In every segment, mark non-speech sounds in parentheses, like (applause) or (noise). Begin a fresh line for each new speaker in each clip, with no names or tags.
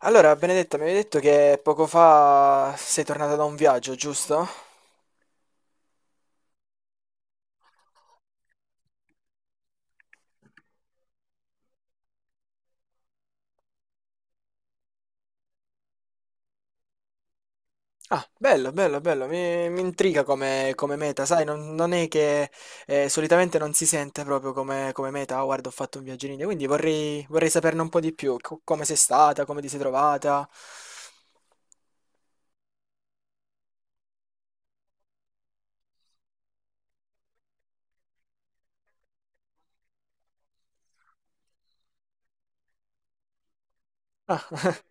Allora, Benedetta, mi avevi detto che poco fa sei tornata da un viaggio, giusto? Ah, bello, bello, bello, mi intriga come meta, sai, non è che solitamente non si sente proprio come meta, "Ah, guarda, ho fatto un viaggio in India", quindi vorrei saperne un po' di più, come sei stata, come ti sei trovata. Ah, (laughs)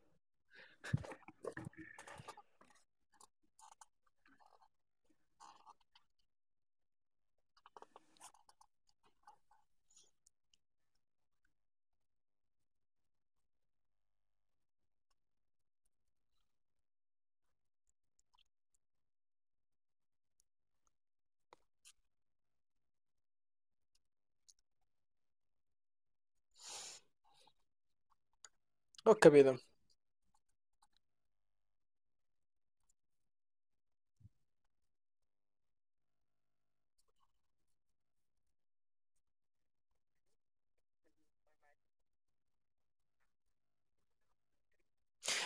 ho capito.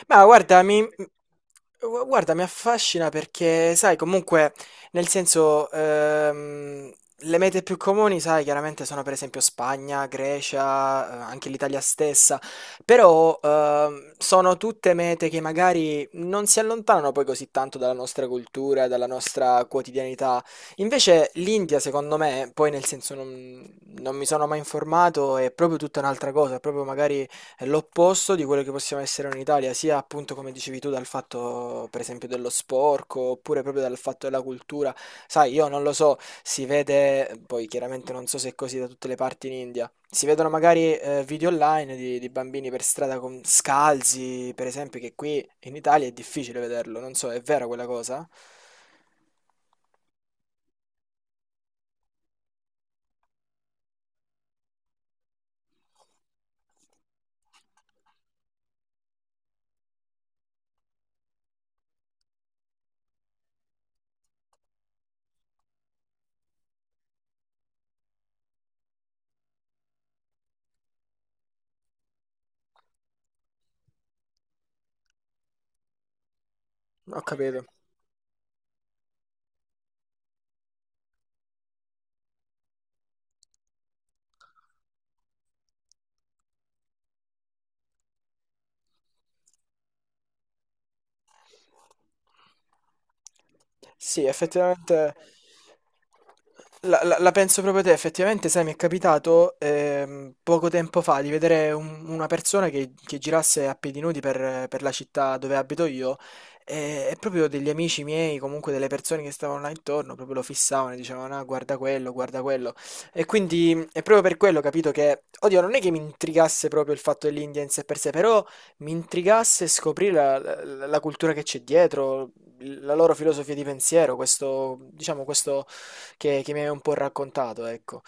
Ma guarda, mi affascina perché, sai, comunque, nel senso, le mete più comuni, sai, chiaramente sono per esempio Spagna, Grecia, anche l'Italia stessa, però sono tutte mete che magari non si allontanano poi così tanto dalla nostra cultura, dalla nostra quotidianità. Invece l'India, secondo me, poi nel senso non mi sono mai informato, è proprio tutta un'altra cosa, è proprio magari è l'opposto di quello che possiamo essere in Italia, sia appunto come dicevi tu dal fatto per esempio dello sporco, oppure proprio dal fatto della cultura. Sai, io non lo so, si vede, poi chiaramente non so se è così da tutte le parti in India, si vedono magari video online di bambini per strada con scalzi, per esempio, che qui in Italia è difficile vederlo, non so, è vera quella cosa? Ho capito. Sì, effettivamente la penso proprio te, effettivamente, sai, mi è capitato poco tempo fa di vedere una persona che girasse a piedi nudi per la città dove abito io e proprio degli amici miei, comunque delle persone che stavano là intorno, proprio lo fissavano e dicevano, ah, guarda quello, guarda quello. E quindi è proprio per quello, capito, che, oddio, non è che mi intrigasse proprio il fatto dell'India in sé per sé, però mi intrigasse scoprire la cultura che c'è dietro, la loro filosofia di pensiero, questo, diciamo, questo che mi hai un po' raccontato, ecco.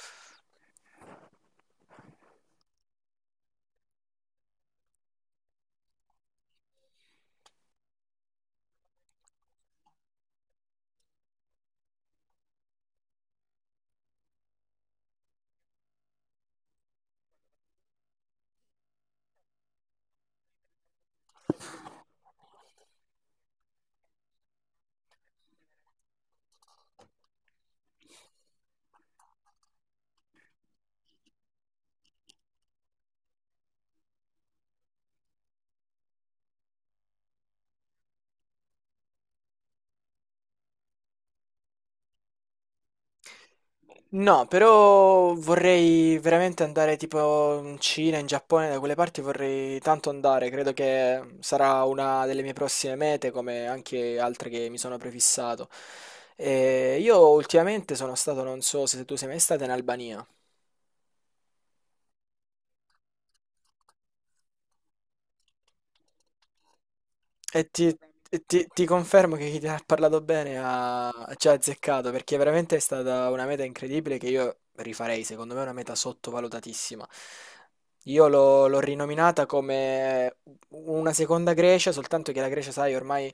No, però vorrei veramente andare tipo in Cina, in Giappone, da quelle parti vorrei tanto andare, credo che sarà una delle mie prossime mete, come anche altre che mi sono prefissato. E io ultimamente sono stato, non so se tu sei mai stato in Albania. E ti, e ti confermo che chi ti ha parlato bene ci ha azzeccato perché veramente è stata una meta incredibile che io rifarei, secondo me è una meta sottovalutatissima. Io l'ho rinominata come una seconda Grecia, soltanto che la Grecia, sai, ormai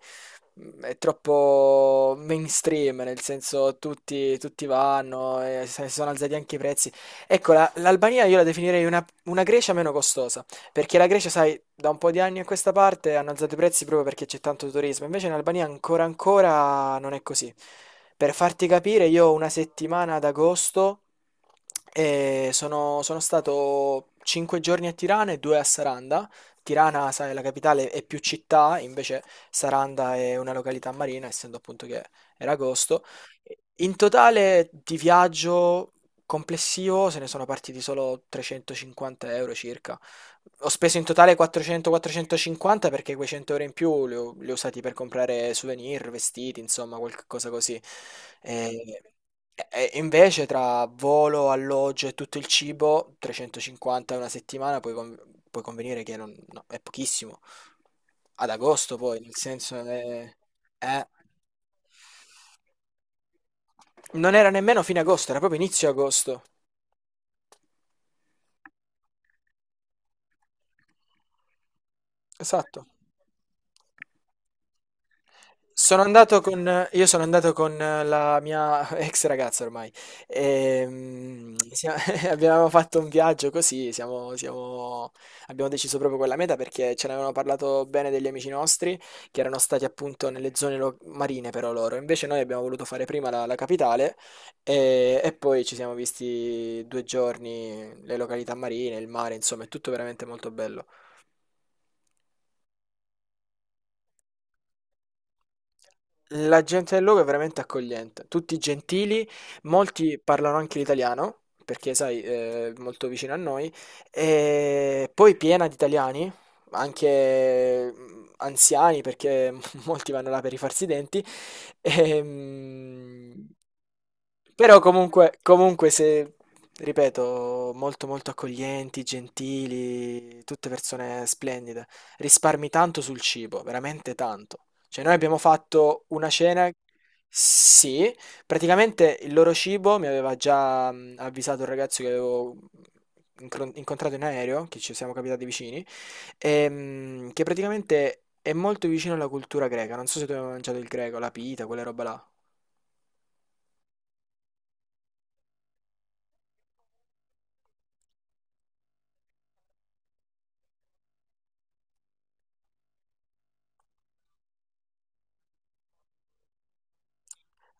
è troppo mainstream, nel senso tutti vanno, e si sono alzati anche i prezzi. Ecco, l'Albania io la definirei una Grecia meno costosa, perché la Grecia, sai, da un po' di anni a questa parte hanno alzato i prezzi proprio perché c'è tanto turismo, invece in Albania ancora ancora non è così. Per farti capire, io ho una settimana ad agosto e sono stato 5 giorni a Tirana e 2 a Saranda. Tirana, sai, la capitale è più città, invece Saranda è una località marina, essendo appunto che era agosto. In totale di viaggio complessivo se ne sono partiti solo 350 euro circa. Ho speso in totale 400-450 perché quei 100 euro in più li ho usati per comprare souvenir, vestiti, insomma, qualcosa così. E, e invece tra volo, alloggio e tutto il cibo, 350 una settimana, puoi, puoi convenire che no, è pochissimo. Ad agosto poi, nel senso... è- non era nemmeno fine agosto, era proprio inizio agosto. Esatto. Io sono andato con la mia (laughs) ex ragazza ormai. Ehm, sia- (laughs) Abbiamo fatto un viaggio così, abbiamo deciso proprio quella meta perché ce ne avevano parlato bene degli amici nostri che erano stati appunto nelle zone marine però loro. Invece noi abbiamo voluto fare prima la capitale e poi ci siamo visti 2 giorni, le località marine, il mare, insomma, è tutto veramente molto bello. La gente del luogo è veramente accogliente, tutti gentili, molti parlano anche l'italiano, perché sai, è molto vicino a noi, e poi piena di italiani, anche anziani, perché (laughs) molti vanno là per rifarsi i denti, e, mm, però comunque se, ripeto, molto molto accoglienti, gentili, tutte persone splendide. Risparmi tanto sul cibo, veramente tanto. Cioè noi abbiamo fatto una cena, sì, praticamente il loro cibo mi aveva già avvisato un ragazzo che avevo incontrato in aereo, che ci siamo capitati vicini, che praticamente è molto vicino alla cultura greca. Non so se tu hai mai mangiato il greco, la pita, quella roba là.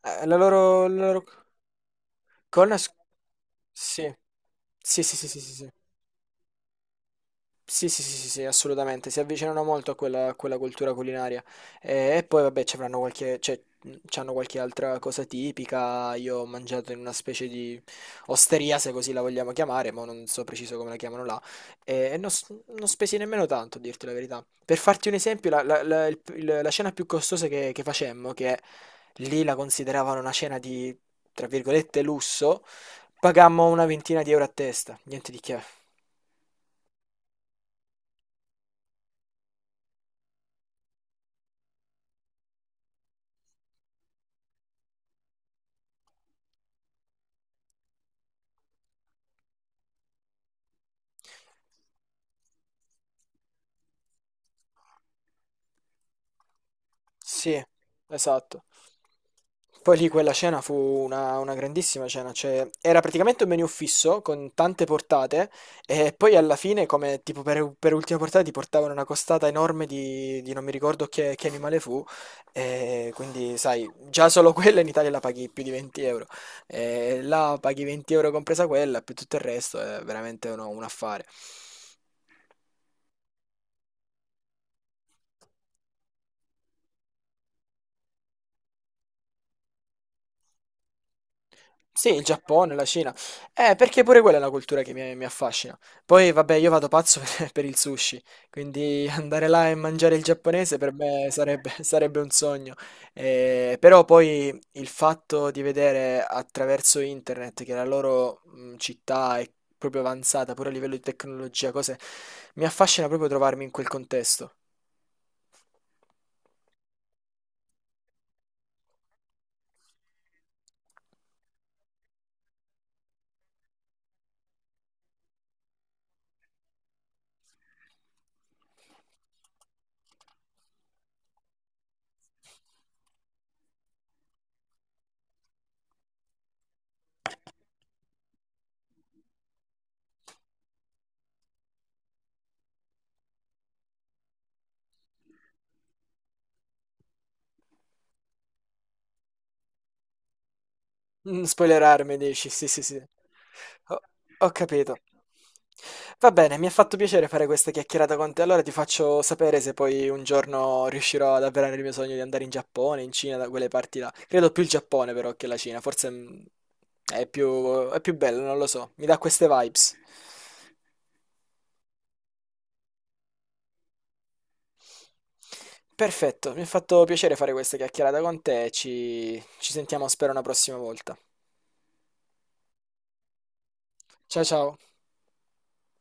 Eh, La loro, la loro- Con la... s- Sì, sì, sì, sì, sì, sì. Sì. Sì, sì, sì, sì, sì, assolutamente, si avvicinano molto a quella cultura culinaria. E poi, vabbè, cioè, c'hanno qualche altra cosa tipica. Io ho mangiato in una specie di osteria, se così la vogliamo chiamare, ma non so preciso come la chiamano là. E non spesi nemmeno tanto, a dirti la verità. Per farti un esempio, la cena più costosa che facemmo, che lì la consideravano una cena di, tra virgolette, lusso, pagammo una ventina di euro a testa, niente di che. Sì, esatto. Poi lì quella cena fu una grandissima cena, cioè era praticamente un menu fisso con tante portate e poi alla fine, come tipo per ultima portata, ti portavano una costata enorme di non mi ricordo che animale fu, e quindi sai, già solo quella in Italia la paghi più di 20 euro, e là paghi 20 euro compresa quella, più tutto il resto, è veramente un affare. Sì, il Giappone, la Cina. Perché pure quella è una cultura che mi affascina. Poi, vabbè, io vado pazzo (laughs) per il sushi, quindi (laughs) andare là e mangiare il giapponese per me sarebbe, (laughs) sarebbe un sogno. Però poi il fatto di vedere attraverso internet che la loro città è proprio avanzata, pure a livello di tecnologia, cose, mi affascina proprio trovarmi in quel contesto. Spoilerarmi, dici? Sì, sì, sì. Ho, ho capito. Va bene, mi ha fatto piacere fare questa chiacchierata con te. Allora ti faccio sapere se poi un giorno riuscirò ad avverare il mio sogno di andare in Giappone, in Cina, da quelle parti là. Credo più il Giappone però che la Cina. Forse è più bello, non lo so. Mi dà queste vibes. Perfetto, mi ha fatto piacere fare questa chiacchierata con te. Ci sentiamo, spero, una prossima volta. Ciao ciao.